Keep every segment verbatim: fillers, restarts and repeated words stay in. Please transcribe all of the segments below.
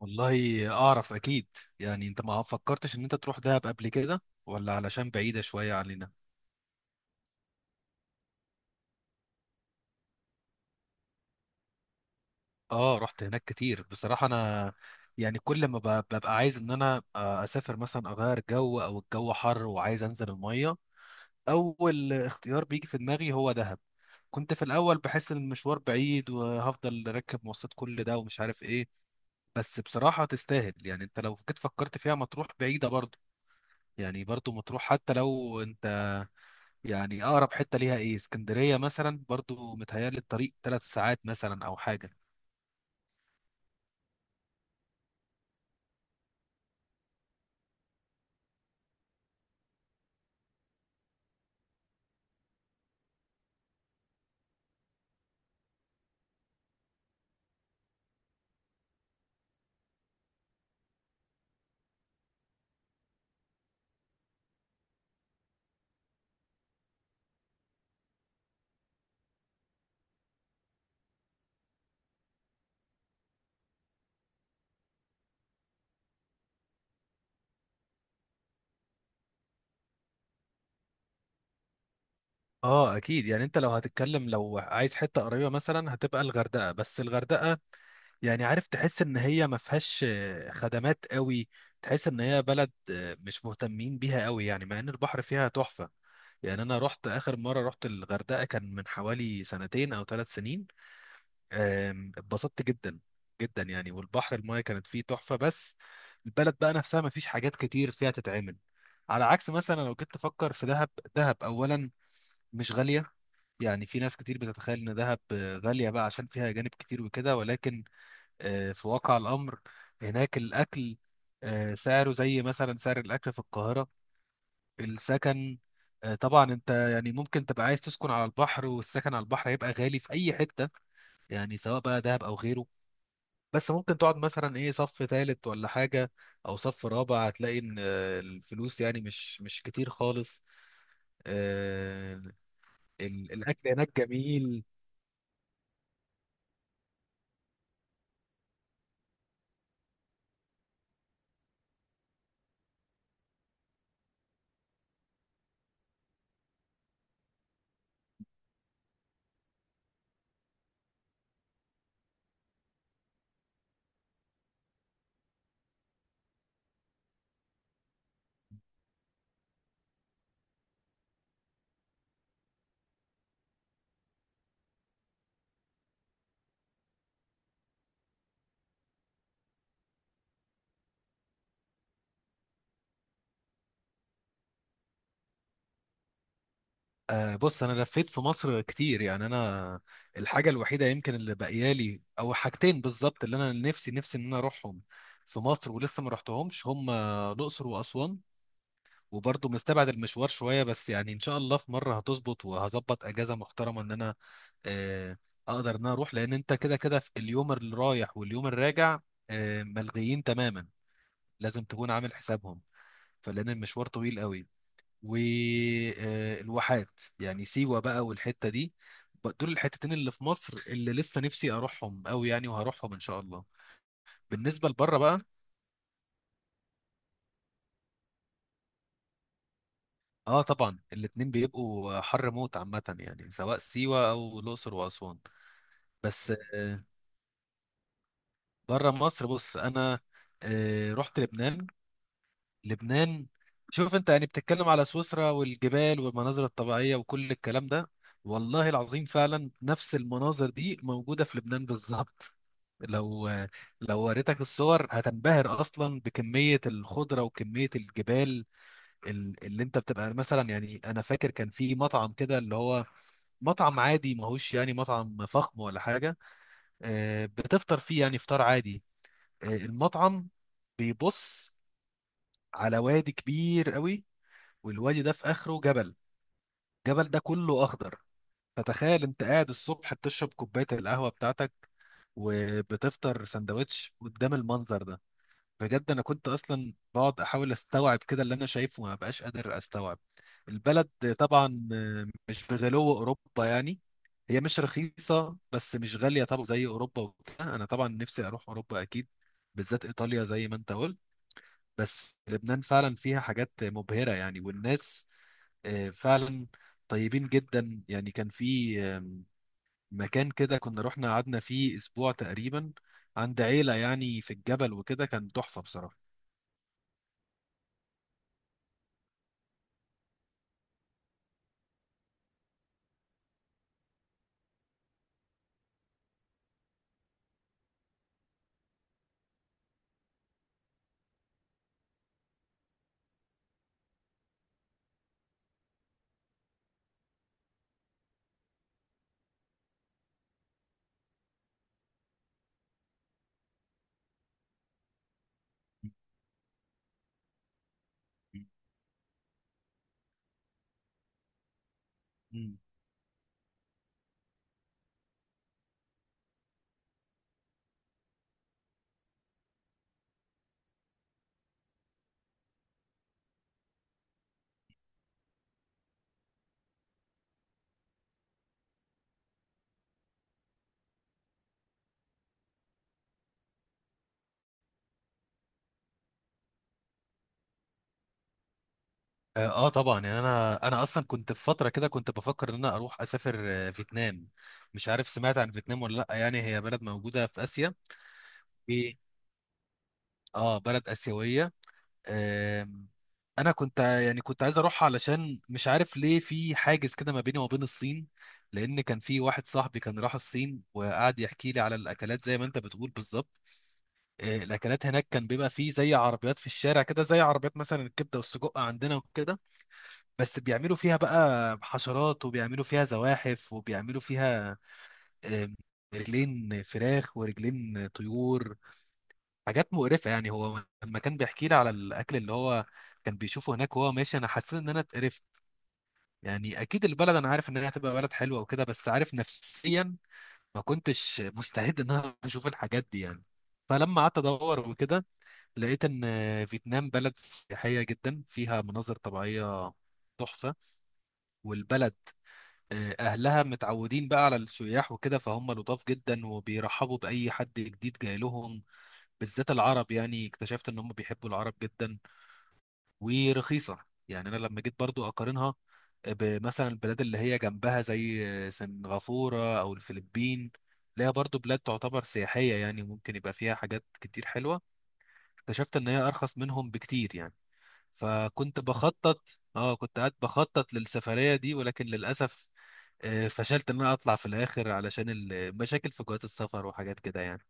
والله اعرف، اكيد. يعني انت ما فكرتش ان انت تروح دهب قبل كده، ولا علشان بعيدة شوية علينا؟ اه رحت هناك كتير بصراحة انا. يعني كل ما ب- ببقى عايز ان انا آه، اسافر مثلا، اغير جو، او الجو حر وعايز انزل المية. اول اختيار بيجي في دماغي هو دهب. كنت في الاول بحس ان المشوار بعيد وهفضل راكب مواصلات كل ده ومش عارف ايه. بس بصراحة تستاهل. يعني انت لو جيت فكرت فيها، مطروح بعيدة برضه. يعني برضه مطروح، حتى لو انت، يعني اقرب حته ليها ايه، اسكندريه مثلا، برضو متهيألي الطريق ثلاث ساعات مثلا او حاجه. اه اكيد. يعني انت لو هتتكلم، لو عايز حته قريبه مثلا، هتبقى الغردقه. بس الغردقه يعني، عارف، تحس ان هي ما فيهاش آه، خدمات قوي. تحس ان هي بلد آه، مش مهتمين بيها قوي، يعني مع ان البحر فيها تحفه. يعني انا رحت اخر مره رحت الغردقه كان من حوالي سنتين او ثلاث سنين. آم، اتبسطت جدا جدا يعني، والبحر المايه كانت فيه تحفه. بس البلد بقى نفسها ما فيش حاجات كتير فيها تتعمل، على عكس مثلا لو جيت تفكر في دهب. دهب اولا مش غاليه. يعني في ناس كتير بتتخيل ان دهب آه، غاليه بقى عشان فيها جانب كتير وكده، ولكن آه، في واقع الامر هناك الاكل آه، سعره زي مثلا سعر الاكل في القاهره. السكن، آه، طبعا انت يعني ممكن تبقى عايز تسكن على البحر، والسكن على البحر هيبقى غالي في اي حته، يعني سواء بقى دهب او غيره. بس ممكن تقعد مثلا ايه، صف تالت ولا حاجة، او صف رابع، هتلاقي ان آه، الفلوس يعني مش مش كتير خالص. آه، ال- الاكل هناك جميل. آه، بص انا لفيت في مصر كتير يعني. انا الحاجة الوحيدة يمكن اللي باقيالي او حاجتين بالظبط اللي انا نفسي نفسي ان انا اروحهم في مصر ولسه ما رحتهمش، هم الاقصر واسوان. وبرضه مستبعد المشوار شوية، بس يعني إن شاء الله في مرة هتظبط وهظبط أجازة محترمة إن أنا آه، أقدر إن أنا أروح. لأن أنت كده كده في اليوم اللي رايح واليوم الراجع آه، ملغيين تماما، لازم تكون عامل حسابهم، فلأن المشوار طويل قوي. والواحات يعني، سيوة بقى والحتة دي، ب- دول الحتتين اللي في مصر اللي لسه نفسي أروحهم قوي يعني، وهروحهم إن شاء الله. بالنسبة لبره بقى، اه طبعا الاتنين بيبقوا حر موت عامة، يعني سواء سيوة أو الأقصر وأسوان. بس آه، بره مصر، بص انا آه، رحت لبنان. لبنان، شوف انت يعني بتتكلم على سويسرا والجبال والمناظر الطبيعية وكل الكلام ده، والله العظيم فعلا نفس المناظر دي موجودة في لبنان بالظبط. لو لو وريتك الصور هتنبهر اصلا بكمية الخضرة وكمية الجبال. ال- اللي انت بتبقى مثلا، يعني انا فاكر كان في مطعم كده، اللي هو مطعم عادي ماهوش يعني مطعم فخم ولا حاجة، آه، بتفطر فيه يعني فطار عادي. آه، المطعم بيبص على وادي كبير قوي، والوادي ده في اخره جبل، الجبل ده كله اخضر. فتخيل انت قاعد الصبح بتشرب كوبايه القهوه بتاعتك وبتفطر سندوتش قدام المنظر ده. بجد انا كنت اصلا بقعد احاول استوعب كده اللي انا شايفه وما بقاش قادر استوعب البلد. طبعا آه، مش بغلو اوروبا يعني. هي مش رخيصه، بس مش غاليه طبعا زي اوروبا وكده. انا طبعا نفسي اروح اوروبا اكيد، بالذات ايطاليا زي ما انت قلت. بس لبنان فعلا فيها حاجات مبهرة يعني، والناس آه، فعلا طيبين جدا يعني. كان في آم، مكان كده كنا رحنا قعدنا فيه أسبوع تقريبا عند عيلة يعني في الجبل وكده، كان تحفة بصراحة. مم. اه آه طبعا، يعني انا انا اصلا كنت في فتره كده كنت بفكر ان انا اروح اسافر آه، فيتنام. مش عارف سمعت عن فيتنام ولا لا، يعني هي بلد موجوده في اسيا. ايه. اه بلد اسيويه. آم، انا كنت ع- يعني كنت عايز اروح، علشان مش عارف ليه في حاجز كده ما بيني وما بين الصين. لان كان في واحد صاحبي كان راح الصين وقعد يحكي لي على الاكلات زي ما انت بتقول بالظبط. آه، الاكلات هناك كان بيبقى فيه زي عربيات في الشارع كده، زي عربيات مثلا الكبده والسجق عندنا وكده، بس بيعملوا فيها بقى حشرات وبيعملوا فيها زواحف وبيعملوا فيها آم، رجلين فراخ ورجلين طيور، حاجات مقرفة يعني. هو لما كان بيحكي لي على الأكل اللي هو كان بيشوفه هناك وهو ماشي، أنا حسيت إن أنا اتقرفت. يعني أكيد البلد أنا عارف إن هي هتبقى بلد حلوة وكده، بس عارف نفسيا ما كنتش مستعد إن أنا أشوف الحاجات دي يعني. فلما قعدت أدور وكده لقيت إن فيتنام بلد سياحية جدا فيها مناظر طبيعية تحفة، والبلد آه، أهلها متعودين بقى على السياح وكده، فهم لطاف جدا وبيرحبوا بأي حد جديد جاي لهم، بالذات العرب. يعني اكتشفت إن هم بيحبوا العرب جدا. ورخيصه يعني. انا لما جيت برضو اقارنها بمثلا البلاد اللي هي جنبها زي سنغافوره او الفلبين، اللي هي برضو بلاد تعتبر سياحيه يعني ممكن يبقى فيها حاجات كتير حلوه، اكتشفت ان هي ارخص منهم بكتير يعني. فكنت بخطط اه كنت قاعد بخطط للسفريه دي، ولكن للاسف آه، فشلت ان انا اطلع في الاخر علشان المشاكل في جوات السفر وحاجات كده يعني.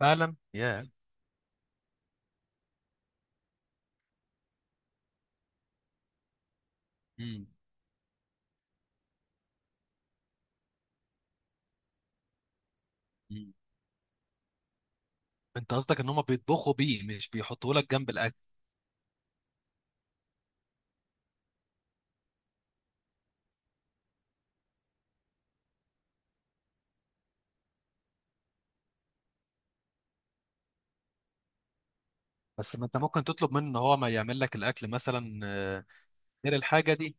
فعلا يا. yeah. انت قصدك ان هم بيطبخوا بيه، مش بيحطوا لك جنب الاكل؟ بس ما انت ممكن تطلب منه ان هو ما يعمل لك الاكل مثلا آه، غير الحاجه دي.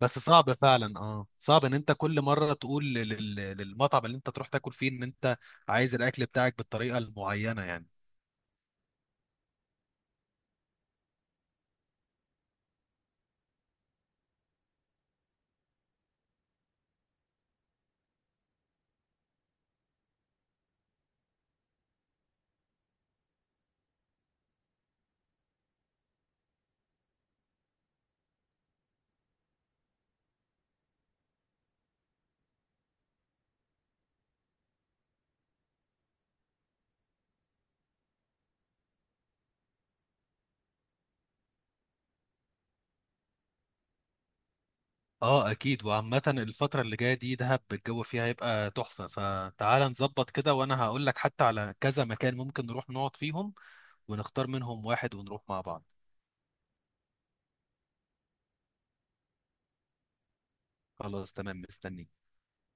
بس صعب فعلا، اه صعب ان انت كل مره تقول لل- لل- للمطعم اللي انت تروح تاكل فيه ان انت عايز الاكل بتاعك بالطريقه المعينه يعني. اه اكيد. وعامه الفتره اللي جايه دي دهب الجو فيها هيبقى تحفه، فتعال نظبط كده وانا هقول لك حتى على كذا مكان ممكن نروح نقعد فيهم ونختار منهم واحد ونروح مع بعض. خلاص تمام، مستني.